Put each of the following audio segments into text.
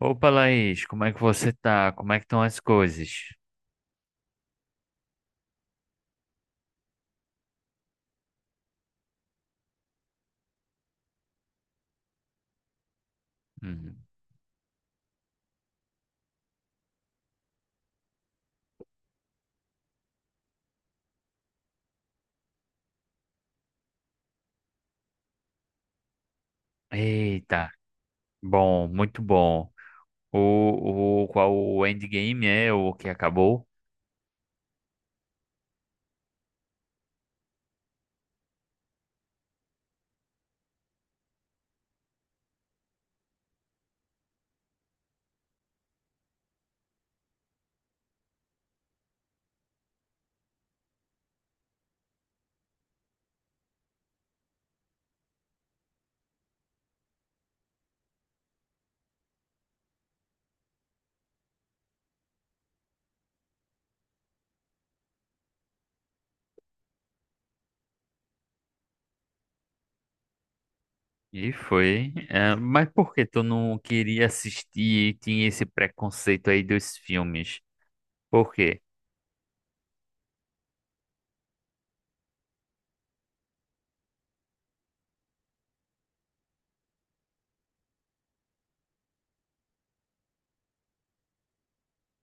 Opa, Laís, como é que você tá? Como é que estão as coisas? Uhum. Eita, bom, muito bom. O qual o Endgame é o que acabou? E foi. Mas por que tu não queria assistir e tinha esse preconceito aí dos filmes? Por quê?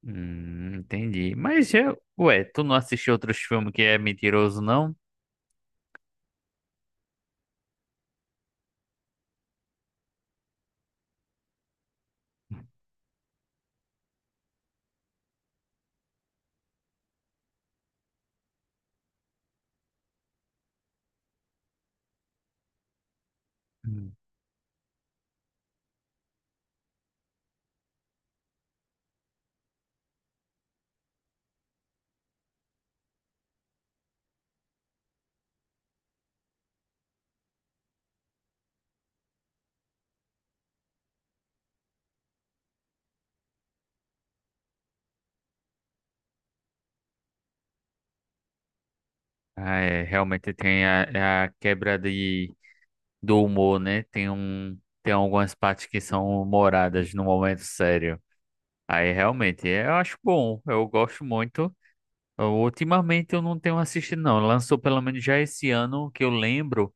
Entendi. Mas, ué, tu não assistiu outros filmes que é mentiroso, não? Hum. Ah, é, realmente tem a quebra de do humor, né? Tem algumas partes que são humoradas no momento sério. Aí realmente, eu acho bom, eu gosto muito. Ultimamente eu não tenho assistido, não. Lançou pelo menos já esse ano, que eu lembro,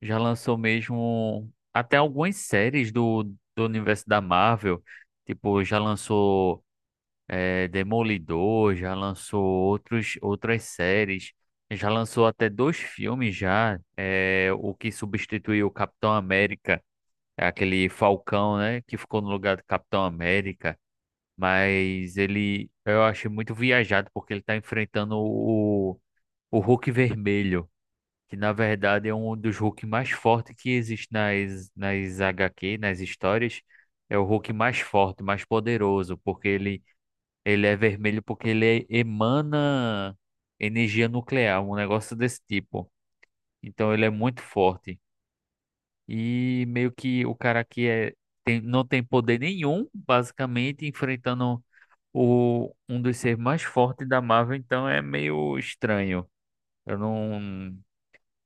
já lançou mesmo até algumas séries do universo da Marvel. Tipo, já lançou Demolidor, já lançou outras séries. Já lançou até dois filmes já, o que substituiu o Capitão América é aquele Falcão, né? Que ficou no lugar do Capitão América. Mas ele, eu achei muito viajado, porque ele tá enfrentando o Hulk Vermelho, que na verdade é um dos Hulk mais fortes que existe nas HQ, nas histórias. É o Hulk mais forte, mais poderoso, ele é vermelho, porque ele emana energia nuclear, um negócio desse tipo. Então ele é muito forte. E meio que o cara que é, tem, não tem poder nenhum, basicamente, enfrentando um dos seres mais fortes da Marvel, então é meio estranho. Eu não,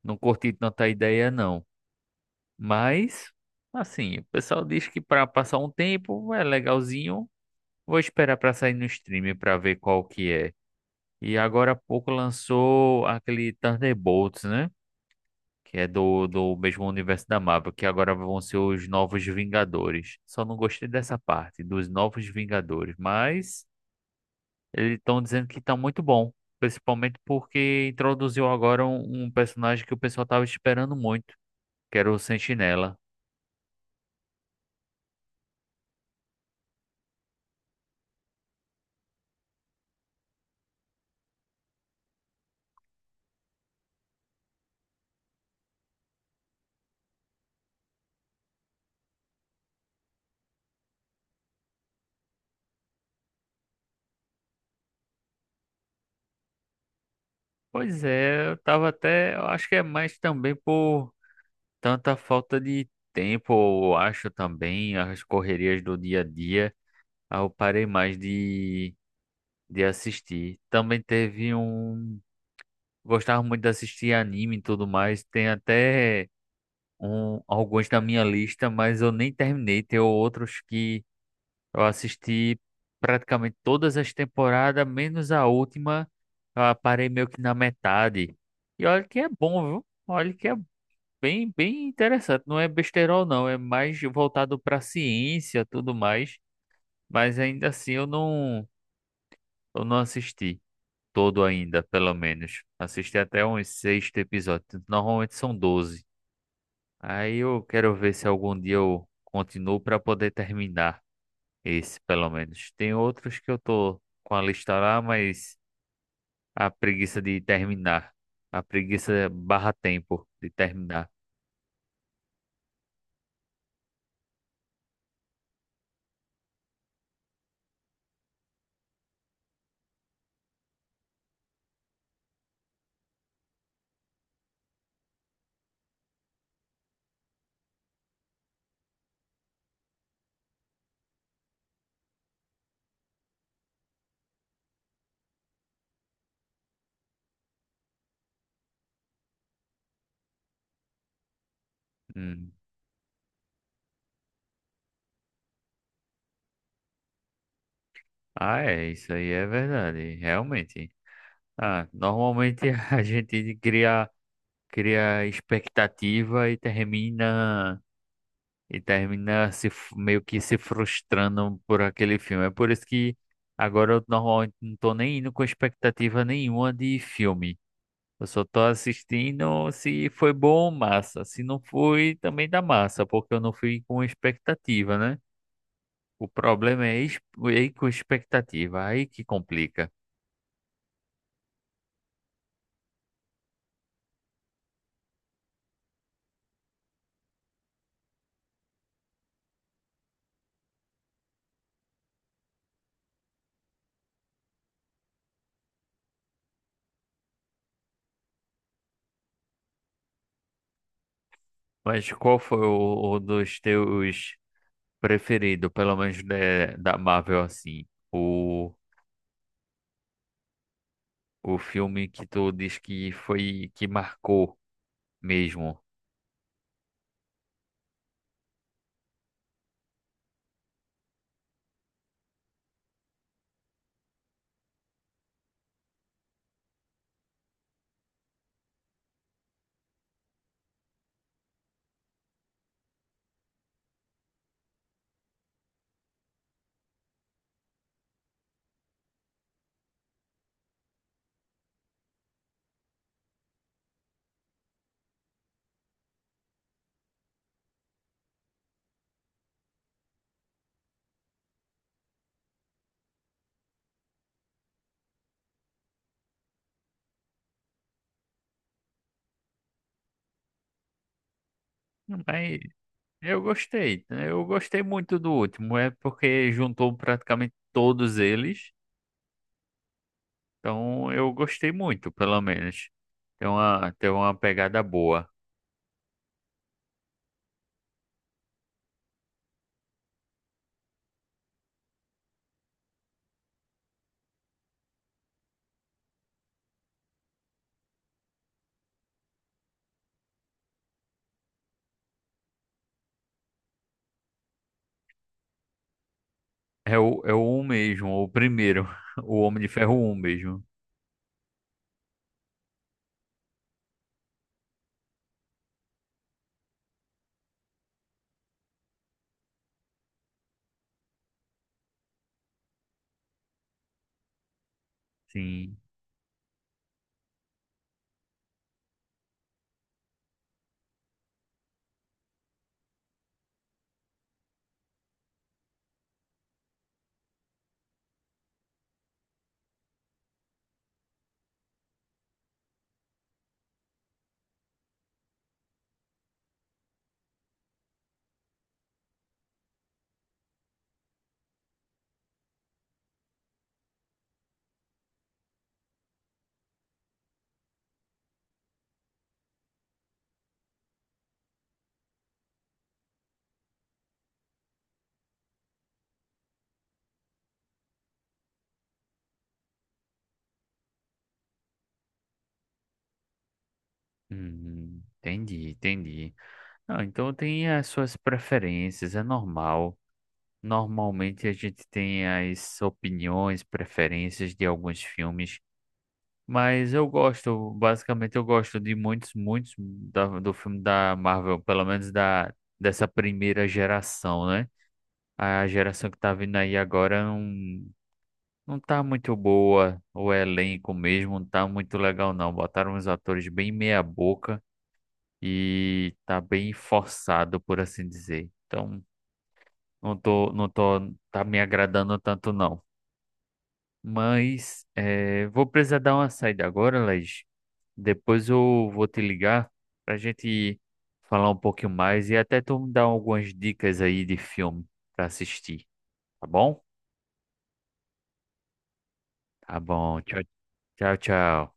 não curti tanta ideia, não. Mas, assim, o pessoal diz que para passar um tempo é legalzinho. Vou esperar para sair no stream para ver qual que é. E agora há pouco lançou aquele Thunderbolts, né? que é do mesmo universo da Marvel, que agora vão ser os Novos Vingadores. Só não gostei dessa parte, dos Novos Vingadores, mas eles estão dizendo que tá muito bom, principalmente porque introduziu agora um personagem que o pessoal tava esperando muito, que era o Sentinela. Pois é, eu acho que é mais também por tanta falta de tempo, eu acho também, as correrias do dia a dia, aí eu parei mais de assistir. Também teve um. Gostava muito de assistir anime e tudo mais. Tem até alguns na minha lista, mas eu nem terminei. Tem outros que eu assisti praticamente todas as temporadas, menos a última. Eu parei meio que na metade. E olha que é bom, viu? Olha que é bem interessante. Não é besterol, não. É mais voltado pra ciência tudo mais. Mas ainda assim eu não assisti todo ainda, pelo menos. Assisti até uns sexto episódio. Normalmente são doze. Aí eu quero ver se algum dia eu continuo para poder terminar esse, pelo menos. Tem outros que eu tô com a lista lá, mas a preguiça de terminar. A preguiça barra tempo de terminar. Hum. Ah, é, isso aí é verdade, realmente. Ah, normalmente a gente cria, cria expectativa e termina. E termina se f- meio que se frustrando por aquele filme. É por isso que agora eu normalmente não tô nem indo com expectativa nenhuma de filme. Eu só tô assistindo se foi bom, massa. Se não foi, também dá massa, porque eu não fui com expectativa, né? O problema é ir com expectativa, aí que complica. Mas qual foi o dos teus preferido, pelo menos da Marvel assim? O filme que tu diz que foi que marcou mesmo. Mas eu gostei, né? Eu gostei muito do último. É porque juntou praticamente todos eles. Então eu gostei muito, pelo menos. Tem uma pegada boa. É o um mesmo, o primeiro. O Homem de Ferro um mesmo. Sim. Entendi, entendi. Não, então tem as suas preferências, é normal. Normalmente a gente tem as opiniões, preferências de alguns filmes, mas eu gosto, basicamente eu gosto de muitos, muitos do filme da Marvel, pelo menos da dessa primeira geração, né? A geração que tá vindo aí agora não, não tá muito boa, o elenco mesmo não tá muito legal não. Botaram uns atores bem meia boca e tá bem forçado, por assim dizer. Então, não tô, tá me agradando tanto não. Mas vou precisar dar uma saída agora, Laís. Depois eu vou te ligar pra gente falar um pouquinho mais e até tu me dar algumas dicas aí de filme pra assistir, tá bom? Tá bom. Tchau, tchau, tchau.